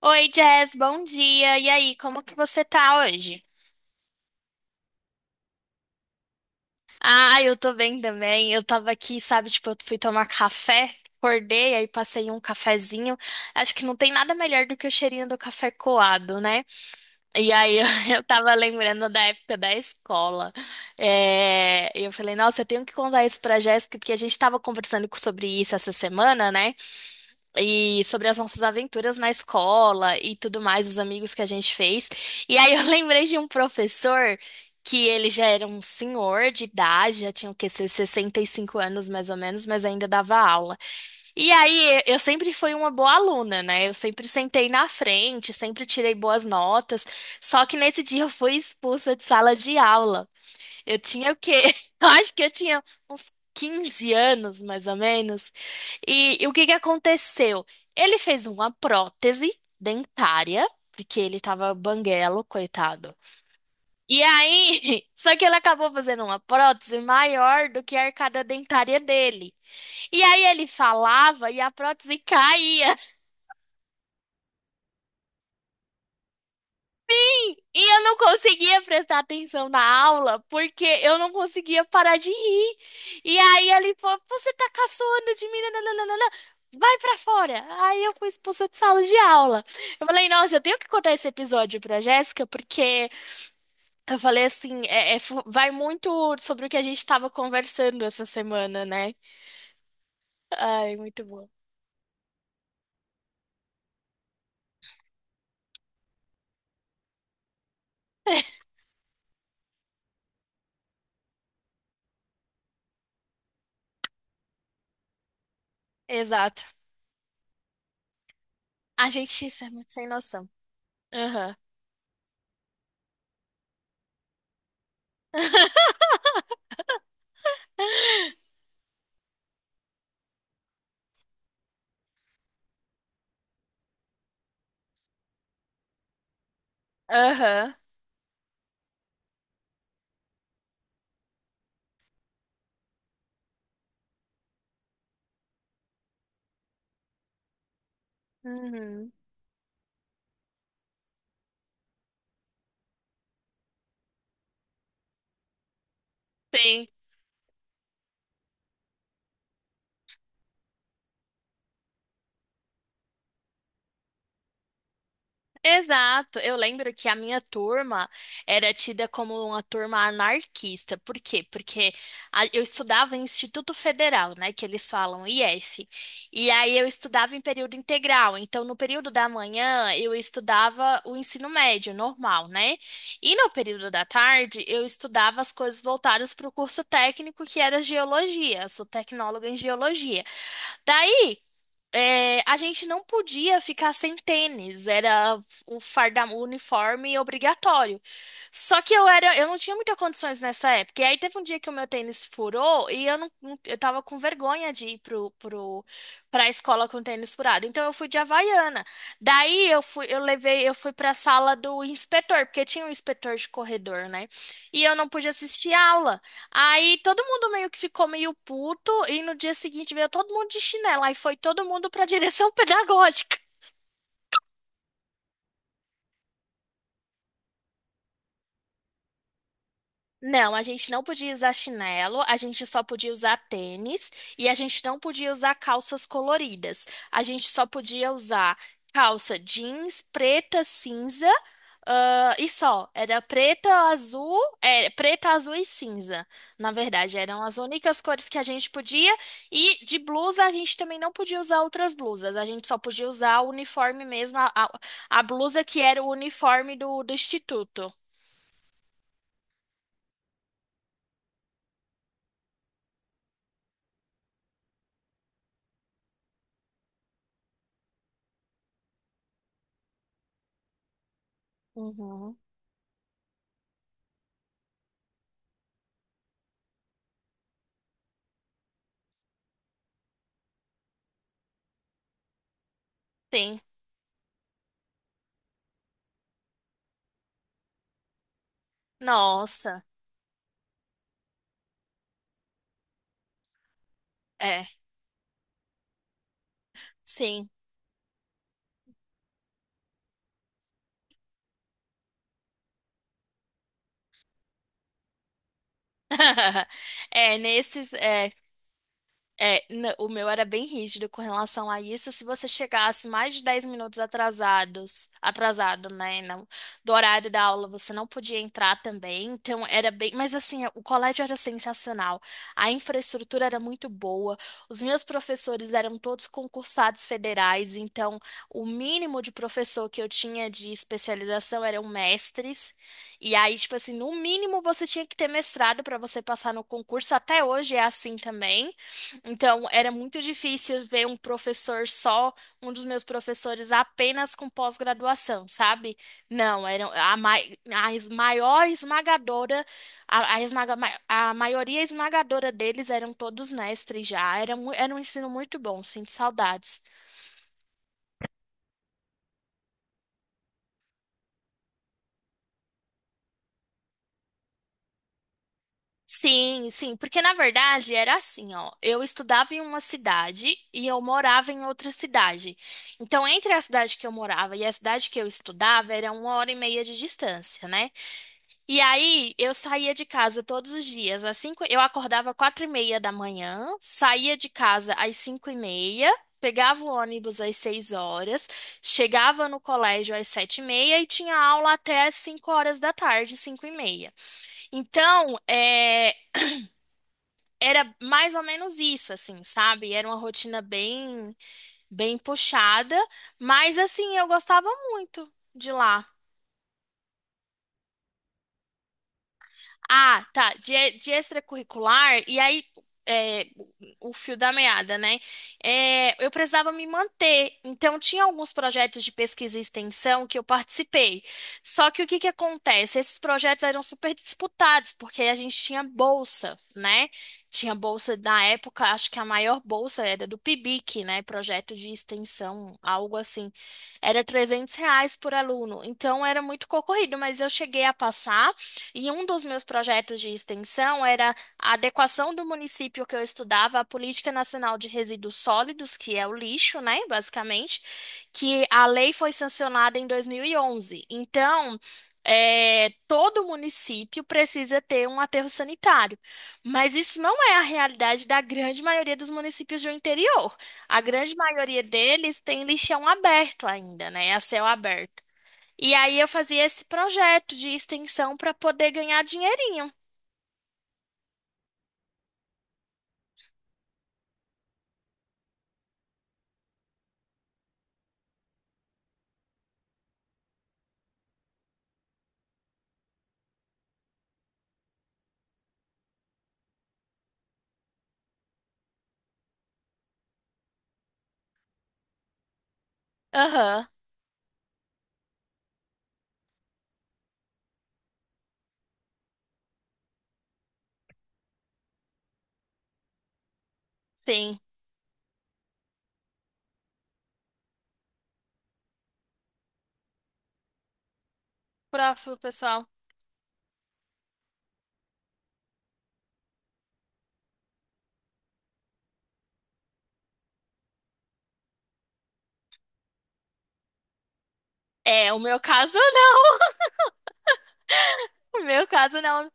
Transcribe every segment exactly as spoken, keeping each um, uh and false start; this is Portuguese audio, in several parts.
Oi, Jess, bom dia. E aí, como que você tá hoje? Ah, eu tô bem também. Eu tava aqui, sabe, tipo, eu fui tomar café, acordei, aí passei um cafezinho. Acho que não tem nada melhor do que o cheirinho do café coado, né? E aí eu, eu tava lembrando da época da escola. É, e eu falei, nossa, eu tenho que contar isso pra Jéssica, porque a gente tava conversando co- sobre isso essa semana, né? E sobre as nossas aventuras na escola e tudo mais, os amigos que a gente fez. E aí eu lembrei de um professor que ele já era um senhor de idade, já tinha o quê, seus sessenta e cinco anos mais ou menos, mas ainda dava aula. E aí eu sempre fui uma boa aluna, né? Eu sempre sentei na frente, sempre tirei boas notas, só que nesse dia eu fui expulsa de sala de aula. Eu tinha o quê? Eu acho que eu tinha uns quinze anos, mais ou menos. E, e o que que aconteceu? Ele fez uma prótese dentária, porque ele tava banguelo, coitado. E aí, só que ele acabou fazendo uma prótese maior do que a arcada dentária dele. E aí ele falava e a prótese caía. E eu não conseguia prestar atenção na aula porque eu não conseguia parar de rir. E aí ele falou: Você tá caçoando de mim, nananana, vai pra fora. Aí eu fui expulsa de sala de aula. Eu falei: Nossa, eu tenho que contar esse episódio pra Jéssica porque eu falei assim: é, é fu- Vai muito sobre o que a gente tava conversando essa semana, né? Ai, muito bom. Exato. A gente isso é muito sem noção. Aham. Aham. Uhum. Sim. Exato, eu lembro que a minha turma era tida como uma turma anarquista. Por quê? Porque a- eu estudava em Instituto Federal, né, que eles falam I F. E aí eu estudava em período integral. Então, no período da manhã, eu estudava o ensino médio normal, né? E no período da tarde, eu estudava as coisas voltadas para o curso técnico, que era geologia. Eu sou tecnóloga em geologia. Daí é, a gente não podia ficar sem tênis, era o farda, o uniforme obrigatório. Só que eu era, eu não tinha muitas condições nessa época. E aí teve um dia que o meu tênis furou e eu não, não- eu tava com vergonha de ir pro, pro, pra escola com tênis furado. Então eu fui de Havaiana. Daí eu fui, eu levei, eu fui pra sala do inspetor, porque tinha um inspetor de corredor, né? E eu não pude assistir aula. Aí todo mundo meio que ficou meio puto e no dia seguinte veio todo mundo de chinela. Aí foi todo mundo pra direção pedagógica. Não, a gente não podia usar chinelo, a gente só podia usar tênis e a gente não podia usar calças coloridas. A gente só podia usar calça jeans preta, cinza, ah, e só. Era preta, azul, é, preta, azul e cinza. Na verdade, eram as únicas cores que a gente podia. E de blusa, a gente também não podia usar outras blusas. A gente só podia usar o uniforme mesmo, a, a, a blusa que era o uniforme do, do instituto. Uhum. Sim. Nossa, é, sim. É, nesses, é, É, n- o meu era bem rígido com relação a isso. Se você chegasse mais de dez minutos atrasados, atrasado, né, não, do horário da aula, você não podia entrar também. Então era bem, mas assim, o colégio era sensacional. A infraestrutura era muito boa. Os meus professores eram todos concursados federais, então o mínimo de professor que eu tinha de especialização eram mestres. E aí, tipo assim, no mínimo você tinha que ter mestrado para você passar no concurso. Até hoje é assim também. Então, era muito difícil ver um professor só, um dos meus professores apenas com pós-graduação, sabe? Não, era a, mai- a es- maior esmagadora, a, a, esmaga- ma- a maioria esmagadora deles eram todos mestres já. Era, mu- era um ensino muito bom, sinto saudades. Sim, sim, porque na verdade era assim, ó. Eu estudava em uma cidade e eu morava em outra cidade. Então, entre a cidade que eu morava e a cidade que eu estudava, era uma hora e meia de distância, né? E aí, eu saía de casa todos os dias. Às cinco, eu acordava quatro e meia da manhã, saía de casa às cinco e meia, pegava o ônibus às seis horas, chegava no colégio às sete e meia e tinha aula até às cinco horas da tarde, cinco e meia. Então, é, era mais ou menos isso, assim, sabe? Era uma rotina bem, bem puxada, mas assim, eu gostava muito de lá. Ah, tá. De, de extracurricular, e aí é, o o fio da meada, né? É, eu precisava me manter. Então, tinha alguns projetos de pesquisa e extensão que eu participei. Só que o que que acontece? Esses projetos eram super disputados, porque a gente tinha bolsa, né? Tinha bolsa na época, acho que a maior bolsa era do PIBIC, né? Projeto de extensão, algo assim. Era trezentos reais por aluno. Então, era muito concorrido, mas eu cheguei a passar. E um dos meus projetos de extensão era a adequação do município que eu estudava à Política Nacional de Resíduos Sólidos, que é o lixo, né, basicamente, que a lei foi sancionada em dois mil e onze. Então, é, todo município precisa ter um aterro sanitário, mas isso não é a realidade da grande maioria dos municípios do interior. A grande maioria deles tem lixão aberto ainda, né, a céu aberto. E aí eu fazia esse projeto de extensão para poder ganhar dinheirinho. Aham, sim. Pro, pro pessoal. É, o meu caso não. O meu caso não.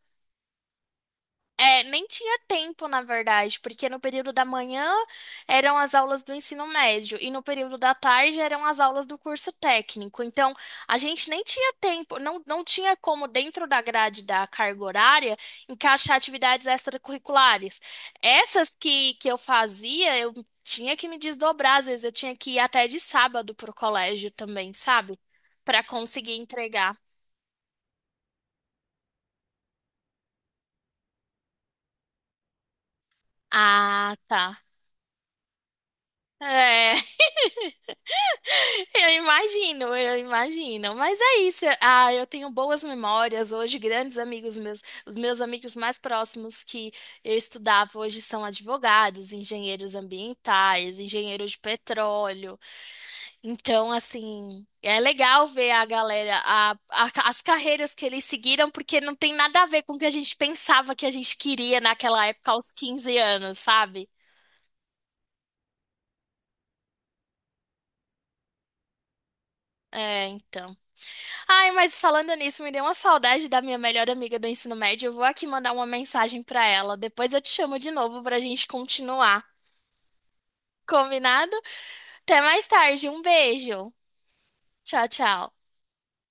É, nem tinha tempo, na verdade, porque no período da manhã eram as aulas do ensino médio e no período da tarde eram as aulas do curso técnico. Então, a gente nem tinha tempo, não, não tinha como, dentro da grade da carga horária, encaixar atividades extracurriculares. Essas que, que eu fazia, eu tinha que me desdobrar, às vezes eu tinha que ir até de sábado pro colégio também, sabe? Para conseguir entregar. Ah, tá. É. Eu imagino, eu imagino. Mas é isso. Ah, eu tenho boas memórias hoje, grandes amigos meus, os meus amigos mais próximos que eu estudava hoje são advogados, engenheiros ambientais, engenheiros de petróleo. Então, assim, é legal ver a galera, a- a- as carreiras que eles seguiram, porque não tem nada a ver com o que a gente pensava que a gente queria naquela época aos quinze anos, sabe? É, então. Ai, mas falando nisso, me deu uma saudade da minha melhor amiga do ensino médio. Eu vou aqui mandar uma mensagem pra ela. Depois eu te chamo de novo pra gente continuar. Combinado? Até mais tarde. Um beijo. Tchau, tchau.